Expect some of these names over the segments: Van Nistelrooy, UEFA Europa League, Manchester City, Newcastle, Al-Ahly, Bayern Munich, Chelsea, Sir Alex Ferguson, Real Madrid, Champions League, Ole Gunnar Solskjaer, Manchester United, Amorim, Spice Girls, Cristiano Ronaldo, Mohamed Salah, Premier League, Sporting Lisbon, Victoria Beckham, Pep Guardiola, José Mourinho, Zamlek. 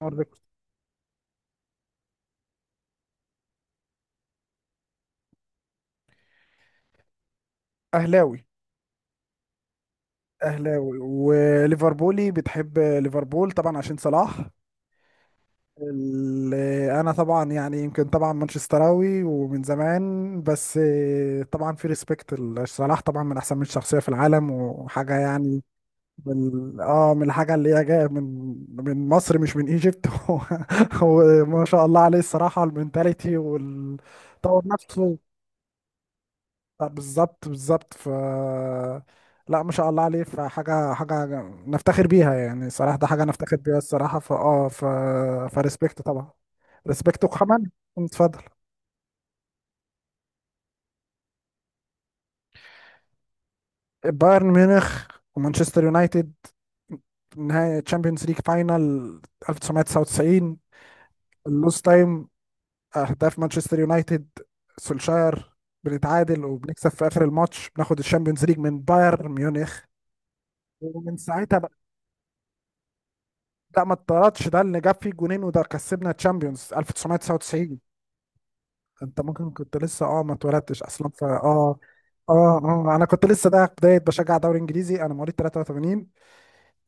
نهارده. اهلاوي اهلاوي، وليفربولي، بتحب ليفربول طبعا عشان صلاح. ال- انا طبعا، يعني يمكن مانشستراوي ومن زمان، بس طبعا في ريسبكت. صلاح طبعا من احسن 100 شخصيه في العالم وحاجه يعني. من الحاجه اللي هي جايه من مصر، مش من ايجيبت. هو ما شاء الله عليه الصراحه، المنتاليتي وطور نفسه. لا، بالظبط بالظبط. لا، ما شاء الله عليه، فحاجة نفتخر بيها يعني، صراحة ده حاجة نفتخر بيها الصراحة. فاه ف فريسبكت طبعا، ريسبكت. وكمان اتفضل. بايرن ميونخ ومانشستر يونايتد، نهائي تشامبيونز ليج فاينل 1999. اللوس تايم، اهداف مانشستر يونايتد، سولشاير. بنتعادل وبنكسب في اخر الماتش، بناخد الشامبيونز ليج من بايرن ميونخ. ومن ساعتها. لا، ما اتطردش، ده اللي جاب فيه جونين وده كسبنا تشامبيونز 1999. انت ممكن كنت لسه ما اتولدتش اصلا، فا اه اه انا كنت لسه. ده بدايه بشجع دوري انجليزي، انا مواليد 83.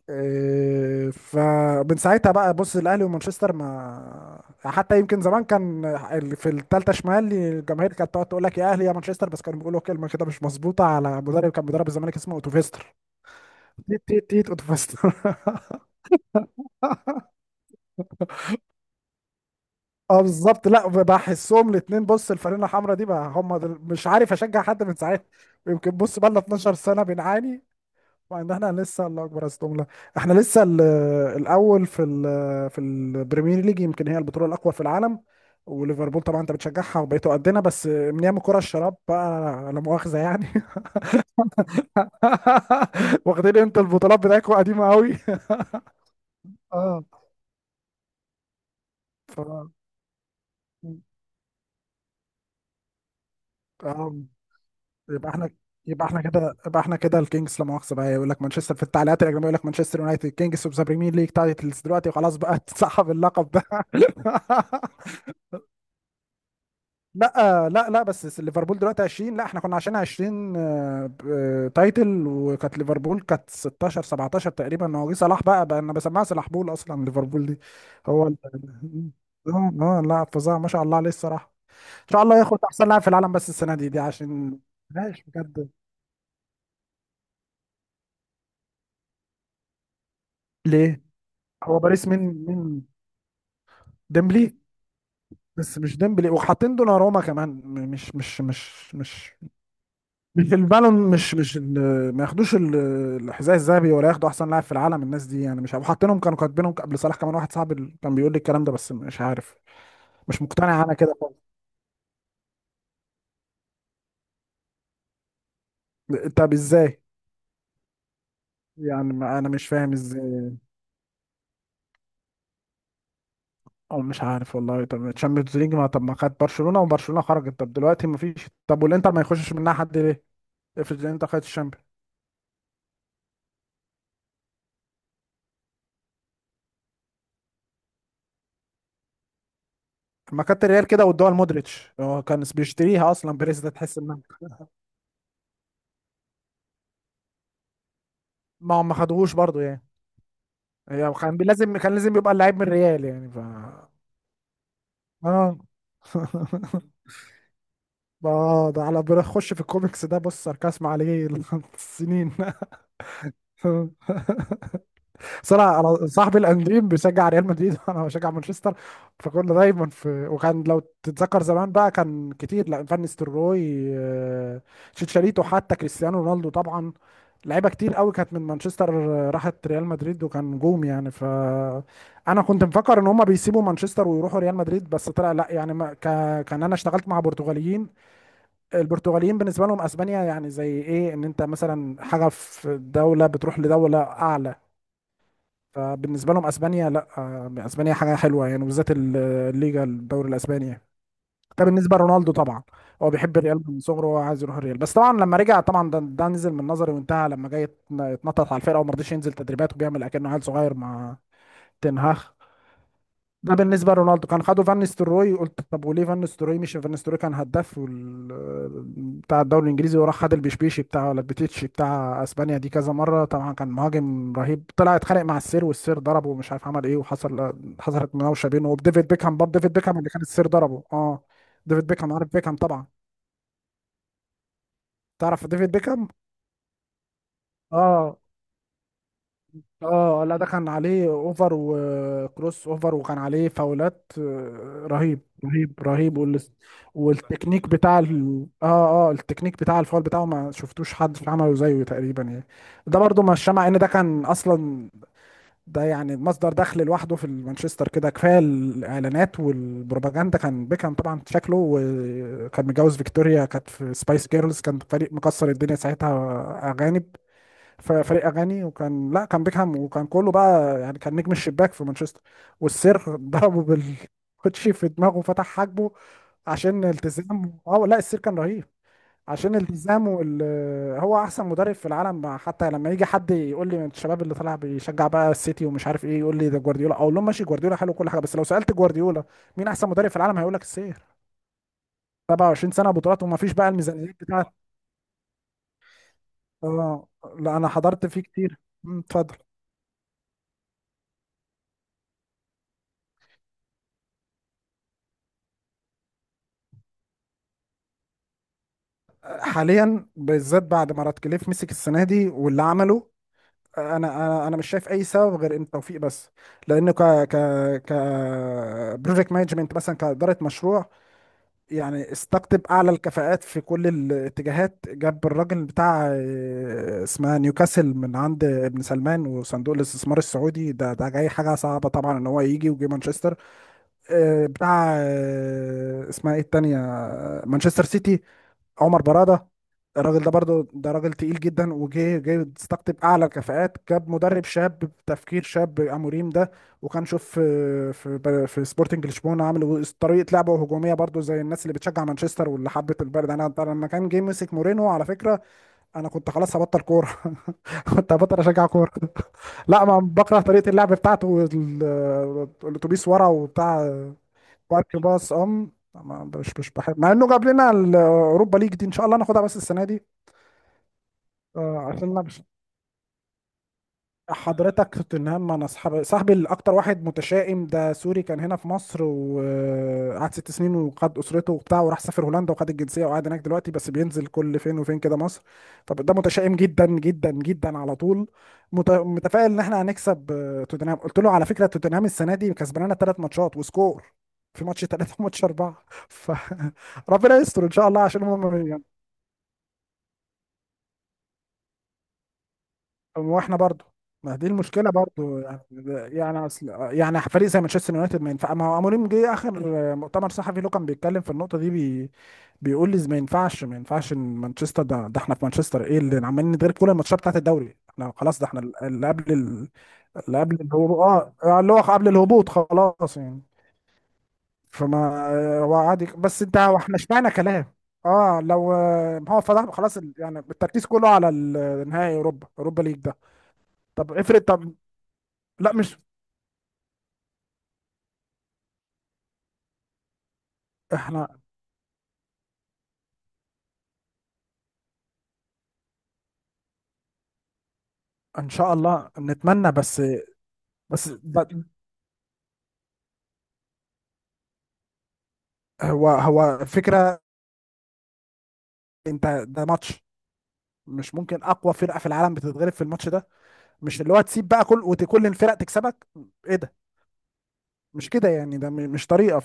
إيه، فمن ساعتها بقى بص، الاهلي ومانشستر، ما حتى يمكن زمان كان في الثالثه شمال الجماهير كانت تقعد تقول لك يا اهلي يا مانشستر، بس كانوا بيقولوا كلمه كده مش مظبوطه على مدرب كان بيدرب الزمالك، اسمه اوتوفيستر. تيت تيت تيت اوتوفيستر. اه، بالظبط. لا، بحسهم الاثنين، بص، الفانيله الحمراء دي بقى مش عارف اشجع حد من ساعتها. يمكن بص، بقى لنا 12 سنه بنعاني، وان احنا لسه. الله اكبر، استغفر الله. احنا لسه الاول في البريمير ليج، يمكن هي البطوله الاقوى في العالم. وليفربول طبعا انت بتشجعها، وبقيتوا قدنا، بس من ايام كره الشراب بقى. لا مؤاخذه يعني. واخدين انت البطولات بتاعتكم قديمه قوي. اه ف... اه يبقى احنا، يبقى احنا كده الكينجز، لا مؤاخذه بقى. يقول لك مانشستر في التعليقات الاجنبيه يقول لك مانشستر يونايتد كينجز اوف ذا بريمير ليج تايتلز، دلوقتي خلاص بقى. تسحب اللقب ده. لا لا لا، بس ليفربول دلوقتي 20. لا، احنا كنا عشان 20 تايتل، وكانت ليفربول كانت 16 17 تقريبا. هو جه صلاح بقى، انا بسمعها صلاح بول اصلا ليفربول دي. هو ال- اه لا، فظاع، ما شاء الله عليه الصراحه. ان شاء الله ياخد احسن لاعب في العالم بس السنه دي، دي عشان ماشي بجد. ليه؟ هو باريس من ديمبلي، بس مش ديمبلي، وحاطين دوناروما كمان. مش البالون. مش مش ال- ما ياخدوش الحذاء الذهبي ولا ياخدوا احسن لاعب في العالم، الناس دي يعني مش عارف. وحاطينهم، كانوا كاتبينهم قبل صلاح كمان، واحد صاحبي اللي كان بيقول لي الكلام ده، بس مش عارف. مش مقتنع انا كده خالص. طب ازاي؟ يعني ما انا مش فاهم ازاي. او مش عارف والله. طب تشامبيونز ليج، ما طب ما خد برشلونة، وبرشلونة خرجت. طب دلوقتي ما فيش. طب والانتر ما يخشش منها حد ليه؟ افرض الانتر خدت الشامبيونز. ما كانت الريال كده، والدول مودريتش، هو كان بيشتريها اصلا بيريز، ده تحس انها. ما هم ما خدوهوش برضو يعني. هي كان لازم، كان لازم يبقى اللعيب من الريال يعني. اه. اه، ده على، بيخش في الكوميكس ده، بص ساركاسم عليه. السنين. صراحة انا صاحبي الانديم بيشجع ريال مدريد وانا بشجع مانشستر، فكنا دايما في. وكان، لو تتذكر زمان بقى، كان كتير، لا، فان نيستلروي، شيتشاريتو، حتى كريستيانو رونالدو طبعا. لعيبه كتير قوي كانت من مانشستر، راحت ريال مدريد وكان نجوم يعني. انا كنت مفكر ان هم بيسيبوا مانشستر ويروحوا ريال مدريد، بس طلع لا يعني. ما ك... كان انا اشتغلت مع برتغاليين. البرتغاليين بالنسبه لهم اسبانيا يعني زي ايه، ان انت مثلا حاجه في دوله بتروح لدوله اعلى. فبالنسبه لهم اسبانيا، لا، اسبانيا حاجه حلوه يعني، وبالذات الليجا، الدوري الاسباني يعني. ده بالنسبه لرونالدو طبعا. هو بيحب الريال من صغره وهو عايز يروح الريال. بس طبعا لما رجع طبعا، ده نزل من نظري وانتهى، لما جاي يتنطط على الفرقه وما رضيش ينزل تدريبات وبيعمل اكنه عيل صغير مع تنهاخ. ده بالنسبه لرونالدو. كان خده فان ستروي. قلت طب وليه فان ستروي؟ مش فان ستروي كان هداف بتاع الدوري الانجليزي، وراح خد البشبيشي بتاع ولا البتيتشي بتاع اسبانيا دي كذا مره. طبعا كان مهاجم رهيب، طلع اتخانق مع السير، والسير ضربه، ومش عارف عمل ايه. حصلت مناوشه بينه وبديفيد بيكهام برضه، ديفيد بيكهام اللي كان السير ضربه، اه. ديفيد بيكهام، عارف بيكهام طبعا؟ تعرف ديفيد بيكهام؟ اه اه لا، ده كان عليه اوفر وكروس اوفر، وكان عليه فاولات رهيب رهيب رهيب. والتكنيك بتاع ال... اه اه التكنيك بتاع الفاول بتاعه ما شفتوش حد عمله زيه تقريبا يعني. ده برضو مش، مع ان ده كان اصلا، ده يعني مصدر دخل لوحده في مانشستر كده كفايه. الاعلانات والبروباجندا كان بيكهام طبعا، شكله، وكان متجوز فيكتوريا كانت في سبايس جيرلز، كان فريق مكسر الدنيا ساعتها، اغاني في فريق اغاني. وكان، لا، كان بيكهام وكان كله بقى، يعني كان نجم الشباك في مانشستر. والسير ضربه بالكوتشي في دماغه وفتح حاجبه عشان التزام. اه، لا، السير كان رهيب، عشان التزامه. هو احسن مدرب في العالم. حتى لما يجي حد يقول لي من الشباب اللي طالع بيشجع بقى السيتي ومش عارف ايه، يقول لي ده جوارديولا، اقول لهم ماشي، جوارديولا حلو كل حاجه، بس لو سالت جوارديولا مين احسن مدرب في العالم هيقول لك السير. 27 سنه بطولات، وما فيش بقى الميزانيات بتاعت. اه، لا، انا حضرت فيه كتير. مم، اتفضل. حاليا بالذات بعد ما رات كليف مسك السنه دي واللي عمله، انا مش شايف اي سبب غير ان التوفيق بس، لانه ك ك ك بروجكت مانجمنت مثلا، كاداره مشروع يعني. استقطب اعلى الكفاءات في كل الاتجاهات، جاب الراجل بتاع اسمها نيوكاسل من عند ابن سلمان وصندوق الاستثمار السعودي. ده جاي، حاجه صعبه طبعا ان هو يجي وجي مانشستر. بتاع اسمها ايه التانيه، مانشستر سيتي، عمر برادة. الراجل ده برضه، ده راجل تقيل جدا، وجه جاي يستقطب اعلى الكفاءات، جاب مدرب شاب بتفكير شاب، اموريم ده. وكان شوف في سبورتنج لشبونه، عامل طريقه لعبه هجوميه برضه زي الناس اللي بتشجع مانشستر واللي حبت البلد. انا لما كان جه مسك مورينو، على فكره انا كنت خلاص هبطل كوره. كنت هبطل اشجع كوره. لا، ما بكره طريقه اللعب بتاعته، الاتوبيس ورا وبتاع، مارك باص، ام ما- مش مش بحب، مع انه جاب لنا الاوروبا ليج دي، ان شاء الله ناخدها بس السنه دي. عشان انا مش. حضرتك توتنهام. انا صاحبي، الاكتر واحد متشائم، ده سوري، كان هنا في مصر وقعد ست سنين وقعد اسرته وبتاع، وراح سافر هولندا وخد الجنسيه وقاعد هناك دلوقتي، بس بينزل كل فين وفين كده مصر. فده متشائم جدا جدا جدا على طول. متفائل ان احنا هنكسب توتنهام. قلت له على فكره توتنهام السنه دي كسبانه ثلاث ماتشات، وسكور في ماتش ثلاثة وماتش أربعة. فربنا يستر إن شاء الله، عشان هم واحنا برضو، ما دي المشكله برضو يعني. يعني اصل يعني فريق زي مانشستر يونايتد ما ينفع. ما هو اموريم جه اخر مؤتمر صحفي له كان بيتكلم في النقطه دي. بيقول لي ما ينفعش، ما ينفعش ان مانشستر ده احنا في مانشستر، ايه اللي عمالين ندير كل الماتشات بتاعت الدوري؟ احنا خلاص ده، احنا اللي قبل اللي قبل الهبوط. اه، اللي هو قبل الهبوط خلاص يعني. فما هو عادي، بس انت هو احنا اشمعنى كلام. اه، لو هو فضح خلاص يعني التركيز كله على نهائي اوروبا، اوروبا ليج ده. طب افرض، طب لا، مش احنا. ان شاء الله نتمنى بس. بس ب- هو، هو فكرة، انت ده ماتش، مش ممكن اقوى فرقة في العالم بتتغلب في الماتش ده، مش اللي هو تسيب بقى كل، وكل الفرق تكسبك. ايه ده؟ مش كده يعني، ده مش طريقة.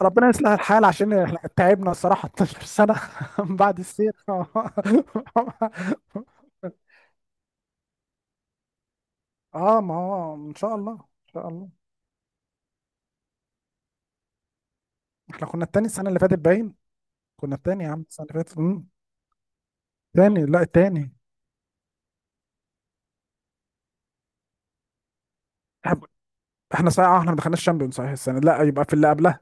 فربنا يصلح الحال، عشان احنا تعبنا الصراحة 12 سنة. من بعد السير. اه، ما هو ان شاء الله ان شاء الله. احنا كنا التاني السنة اللي فاتت باين، كنا التاني يا عم السنة اللي فاتت. مم. تاني، لا، التاني. احنا صحيح احنا ما دخلناش شامبيون صحيح السنه، لا يبقى في اللي قبلها،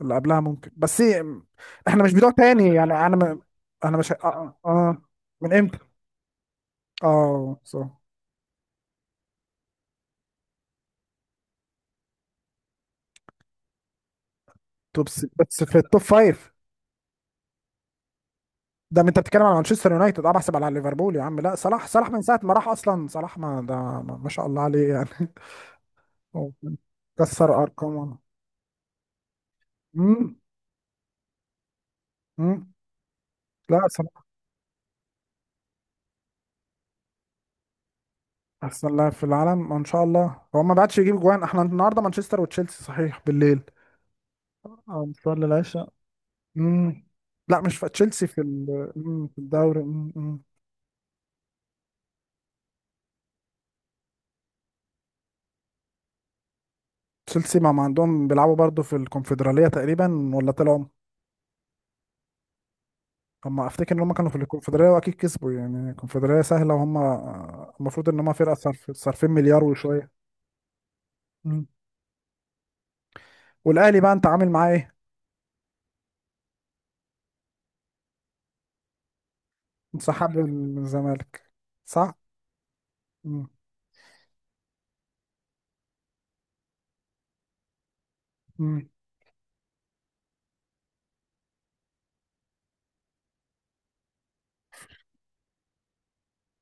اللي قبلها ممكن. بس إيه، احنا مش بتوع تاني يعني، انا مش من امتى؟ اه، صح. بس في التوب فايف. ده ما انت بتتكلم على مانشستر يونايتد اه بحسب على ليفربول يا عم؟ لا، صلاح، صلاح من ساعه ما راح اصلا. صلاح ما ده، ما شاء الله عليه يعني. هو كسر ارقام. امم. امم. لا، صلاح احسن لاعب في العالم ان شاء الله. هو ما بعدش يجيب جوان. احنا النهارده مانشستر وتشيلسي، صحيح، بالليل، اه، نصلي العشاء. مم. لا، مش في تشيلسي، في في الدوري. مم، مم. تشيلسي ما عندهم، بيلعبوا برضه في الكونفدرالية تقريبا، ولا طلعوا؟ افتكر ان هم كانوا في الكونفدرالية واكيد كسبوا يعني، الكونفدرالية سهلة، وهم المفروض ان هم فرقة صرف، صارفين مليار وشوية. مم. والاهلي بقى انت عامل معاه ايه؟ انسحاب من الزمالك. صح؟ مم. مم.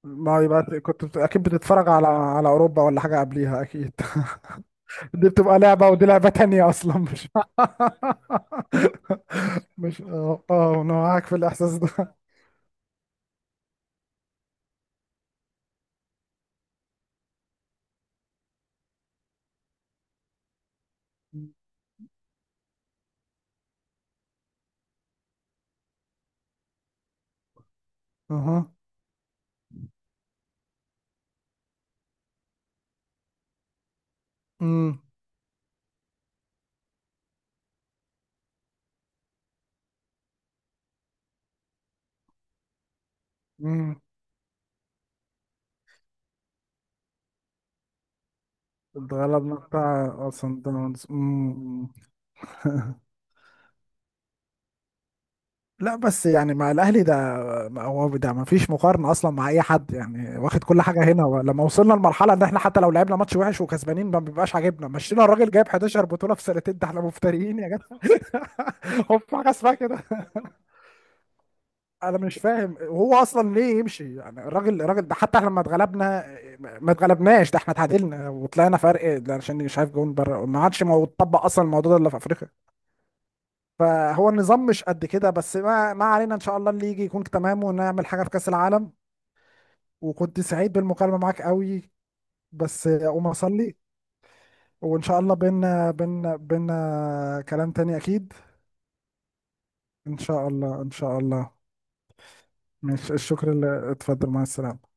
ما يبقى كنت اكيد بتتفرج على اوروبا ولا حاجة قبليها اكيد. دي بتبقى لعبة، ودي لعبة تانية أصلا مش. مش، أنا معاك في الإحساس ده. اها، امم، امم. اتغلبنا بتاع اصلا داونز، امم. لا بس يعني مع الاهلي ده، ما هو ده ما فيش مقارنه اصلا مع اي حد يعني، واخد كل حاجه هنا، لما وصلنا لمرحله ان احنا حتى لو لعبنا ماتش وحش وكسبانين ما بيبقاش عاجبنا. مشينا الراجل جايب 11 بطوله في سنتين، ده احنا مفتريين يا جدع. هو في حاجه اسمها كده؟ انا مش فاهم هو اصلا ليه يمشي يعني. الراجل، ده حتى احنا لما اتغلبنا، ما اتغلبناش، ده احنا اتعادلنا وطلعنا فرق، ده عشان مش عارف جون بره ما عادش، اتطبق اصلا الموضوع ده الا في افريقيا. فهو النظام مش قد كده، بس ما علينا، ان شاء الله اللي يجي يكون تمام ونعمل حاجه في كاس العالم. وكنت سعيد بالمكالمه معاك قوي، بس اقوم اصلي، وان شاء الله بينا، بينا كلام تاني اكيد. ان شاء الله ان شاء الله. ماشي، الشكر اللي اتفضل، مع السلامه.